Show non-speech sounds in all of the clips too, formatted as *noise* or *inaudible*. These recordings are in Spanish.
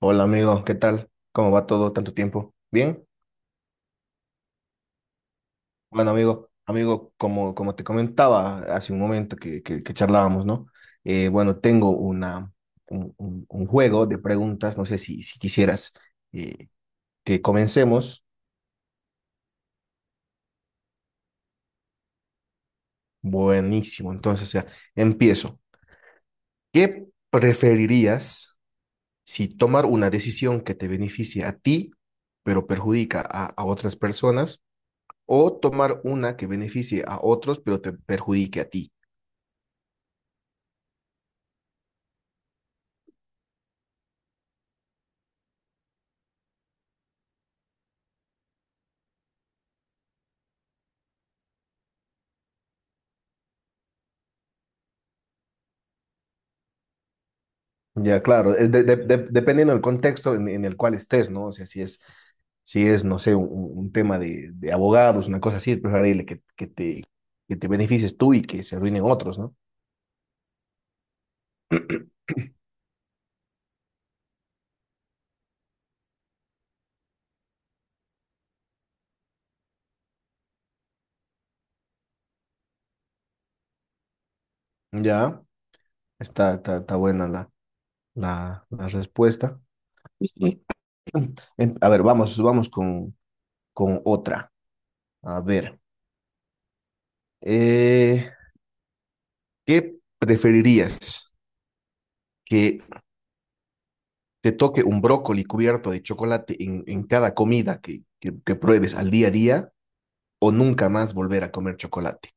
Hola amigo, ¿qué tal? ¿Cómo va todo? ¿Tanto tiempo? ¿Bien? Bueno amigo, como te comentaba hace un momento que charlábamos, ¿no? Bueno, tengo un juego de preguntas, no sé si quisieras eh, que comencemos. Buenísimo, entonces, o sea, empiezo. ¿Qué preferirías si tomar una decisión que te beneficie a ti, pero perjudica a otras personas, o tomar una que beneficie a otros, pero te perjudique a ti? Ya, claro, dependiendo del contexto en el cual estés, ¿no? O sea, si es, no sé, tema de abogados, una cosa así, es preferible que te beneficies tú y que se arruinen otros, ¿no? *clears throat* Ya, está buena la respuesta. Ujú. A ver, vamos con otra. A ver, eh, ¿qué preferirías? ¿Que te toque un brócoli cubierto de chocolate en cada comida que pruebes al día a día? O nunca más volver a comer chocolate.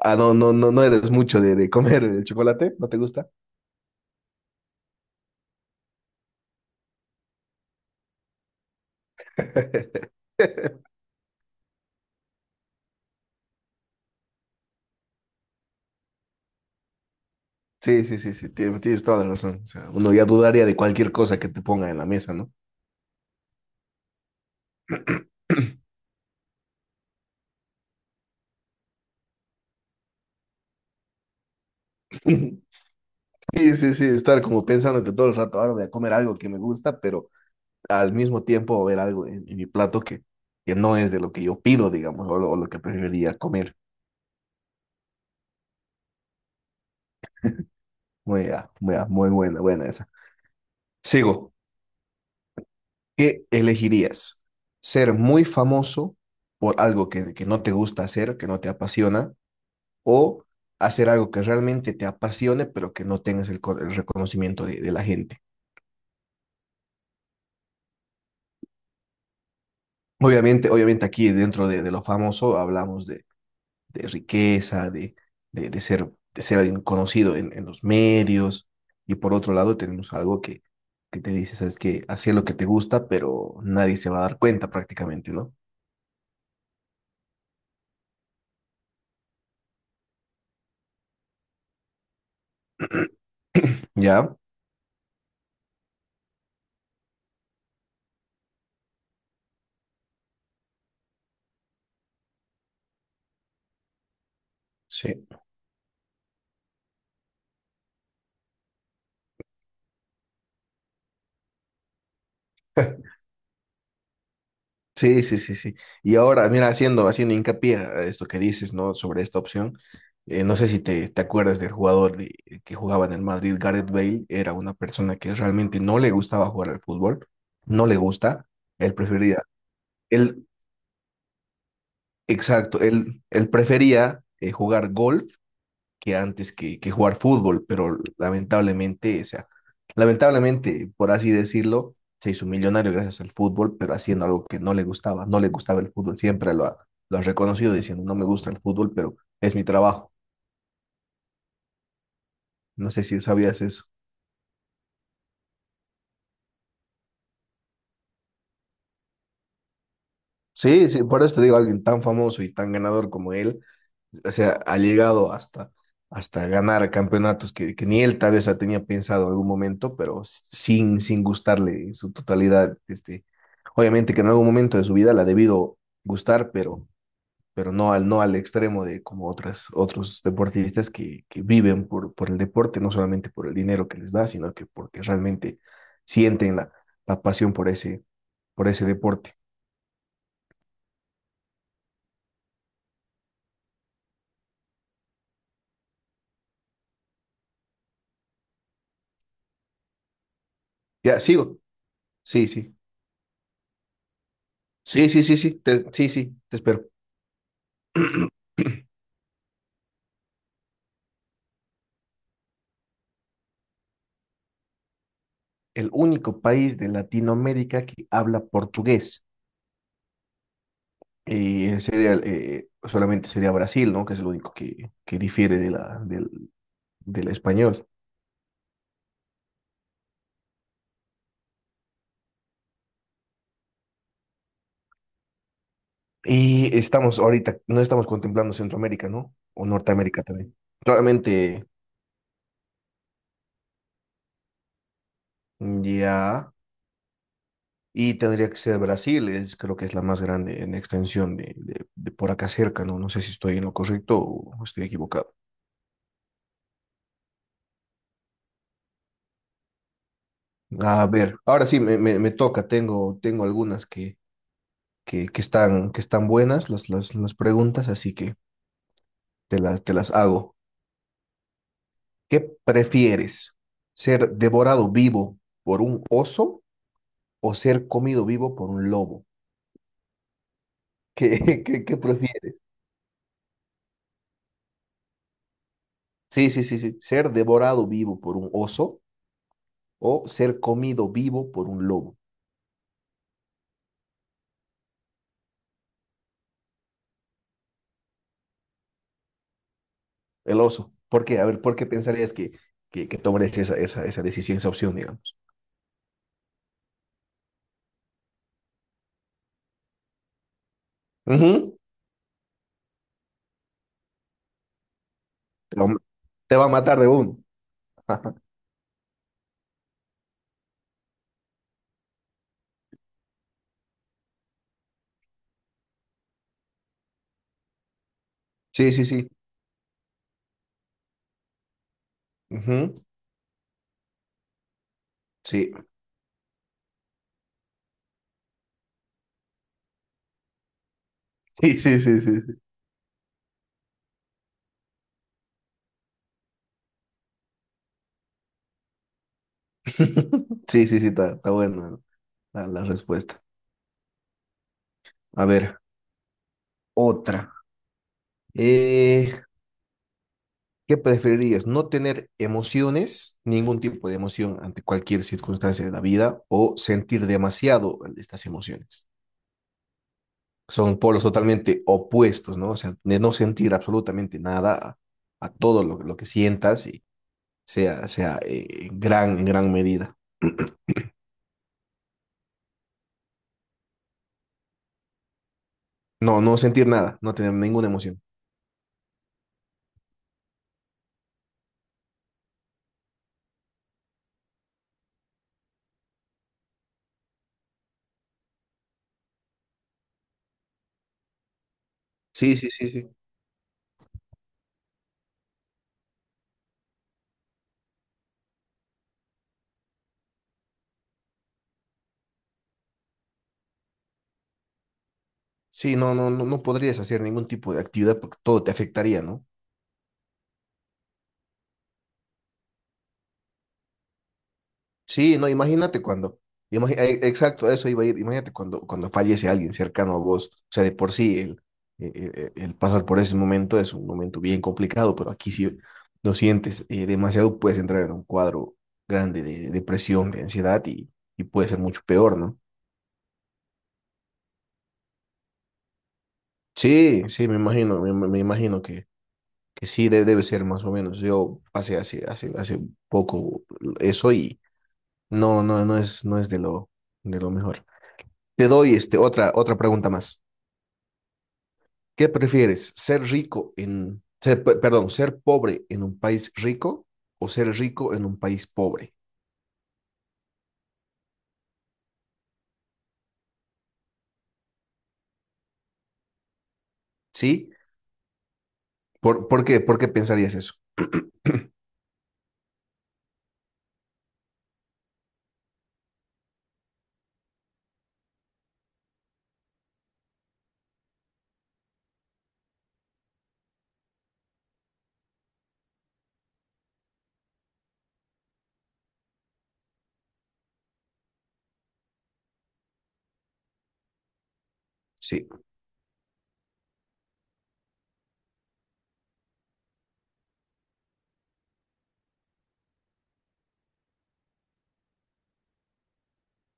Ah, no eres mucho de comer el chocolate, ¿no te gusta? *laughs* Sí, tienes toda la razón. O sea, uno ya dudaría de cualquier cosa que te ponga en la mesa, ¿no? *clears throat* Sí, estar como pensando que todo el rato ahora voy a comer algo que me gusta, pero al mismo tiempo ver algo en mi plato que no es de lo que yo pido, digamos, o lo que preferiría comer. Muy buena, buena esa. Sigo. ¿Qué elegirías? ¿Ser muy famoso por algo que no te gusta hacer, que no te apasiona, o hacer algo que realmente te apasione, pero que no tengas el reconocimiento de la gente? Obviamente, obviamente aquí dentro de lo famoso hablamos de riqueza, de ser alguien conocido en los medios, y por otro lado tenemos algo que te dice, sabes que hacer lo que te gusta, pero nadie se va a dar cuenta prácticamente, ¿no? *clears throat* ¿Ya? Sí. Sí, sí, sí, sí. Y ahora, mira, haciendo hincapié a esto que dices, ¿no? Sobre esta opción, no sé si te acuerdas del que jugaba en el Madrid, Gareth Bale, era una persona que realmente no le gustaba jugar al fútbol, no le gusta, él prefería, él, exacto, él prefería jugar golf que antes que jugar fútbol, pero lamentablemente, o sea, lamentablemente, por así decirlo, se hizo millonario gracias al fútbol, pero haciendo algo que no le gustaba, no le gustaba el fútbol, lo ha reconocido diciendo, no me gusta el fútbol, pero es mi trabajo. No sé si sabías eso. Sí, sí, por eso te digo, alguien tan famoso y tan ganador como él, o sea, ha llegado hasta, hasta ganar campeonatos que ni él tal vez tenía pensado en algún momento, pero sin gustarle en su totalidad. Este, obviamente que en algún momento de su vida la ha debido gustar, pero no al, no al extremo de como otras, otros deportistas que viven por el deporte, no solamente por el dinero que les da, sino que porque realmente sienten la pasión por ese deporte. Ya, sigo. Sí, sí. Sí, sí, te espero. *clears throat* El único país de Latinoamérica que habla portugués sería, solamente sería Brasil, ¿no? Que es el único que difiere de del, del español. Y estamos ahorita, no estamos contemplando Centroamérica, ¿no? O Norteamérica también. Claramente, ya, y tendría que ser Brasil, es, creo que es la más grande en extensión de por acá cerca, ¿no? No sé si estoy en lo correcto o estoy equivocado. A ver, ahora sí me toca, tengo algunas que están buenas las preguntas, así que te las hago. ¿Qué prefieres? ¿Ser devorado vivo por un oso o ser comido vivo por un lobo? ¿Qué, *laughs* qué, qué prefieres? Sí, sí, sí, sí. ¿Ser devorado vivo por un oso o ser comido vivo por un lobo? El oso. ¿Por qué? A ver, ¿por qué pensarías que tomarías esa, esa, esa decisión, esa opción, digamos? Ujú. Te va a ma- Te va a matar de uno. *laughs* Ajá. Sí, sí, sí. Ujú. Sí. *laughs* Sí, sí, sí, sí. Sí, *laughs* sí, sí, sí, está, está bueno la respuesta. A ver, otra. Eh, ¿Qué preferirías? ¿No tener emociones, ningún tipo de emoción ante cualquier circunstancia de la vida o sentir demasiado estas emociones? Son polos totalmente opuestos, ¿no? O sea, de no sentir absolutamente nada a, a todo lo que sientas y sea, sea en gran medida. *clears throat* No, no sentir nada, no tener ninguna emoción. Sí, sí, sí, sí. Sí, no, no, no, no podrías hacer ningún tipo de actividad porque todo te afectaría, ¿no? Sí, no, imagínate cuando, exacto, a eso iba a ir, imagínate cuando, cuando fallece alguien cercano a vos, o sea, de por sí el pasar por ese momento es un momento bien complicado, pero aquí si lo sientes demasiado puedes entrar en un cuadro grande de depresión, de ansiedad y puede ser mucho peor, ¿no? Sí, sí, me imagino, me, me me imagino que sí debe ser más o menos. Yo pasé hace poco eso y no, no, no es de lo mejor. Te doy este, otra, otra pregunta más. ¿Qué prefieres? ¿Ser rico en, ser, pe- Perdón, ¿ser pobre en un país rico o ser rico en un país pobre? ¿Sí? Por qué? ¿Por qué pensarías eso? *clears throat* Sí.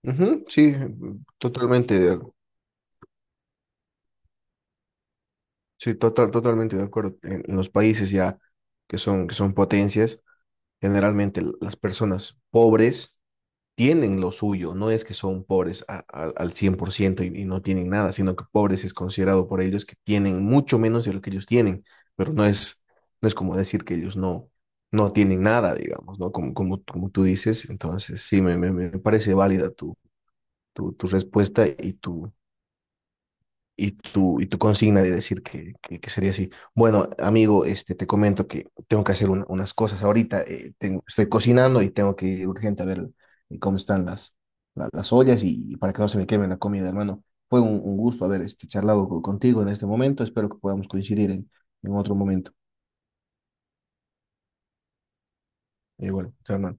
Ujú, sí, totalmente de acuerdo. Sí, total, totalmente de acuerdo. En los países ya que son potencias, generalmente las personas pobres tienen lo suyo, no es que son pobres al 100% y no tienen nada, sino que pobres es considerado por ellos que tienen mucho menos de lo que ellos tienen, pero no es, no es como decir que ellos no, no tienen nada, digamos, ¿no? Como, como, como tú dices, entonces sí, me parece válida tu, tu, tu respuesta y tu consigna de decir que sería así. Bueno, amigo, este, te comento que tengo que hacer unas cosas ahorita. Estoy cocinando y tengo que ir urgente a ver cómo están las ollas y para que no se me queme la comida, hermano. Fue un gusto haber este, charlado contigo en este momento. Espero que podamos coincidir en otro momento. Y bueno, chao, hermano.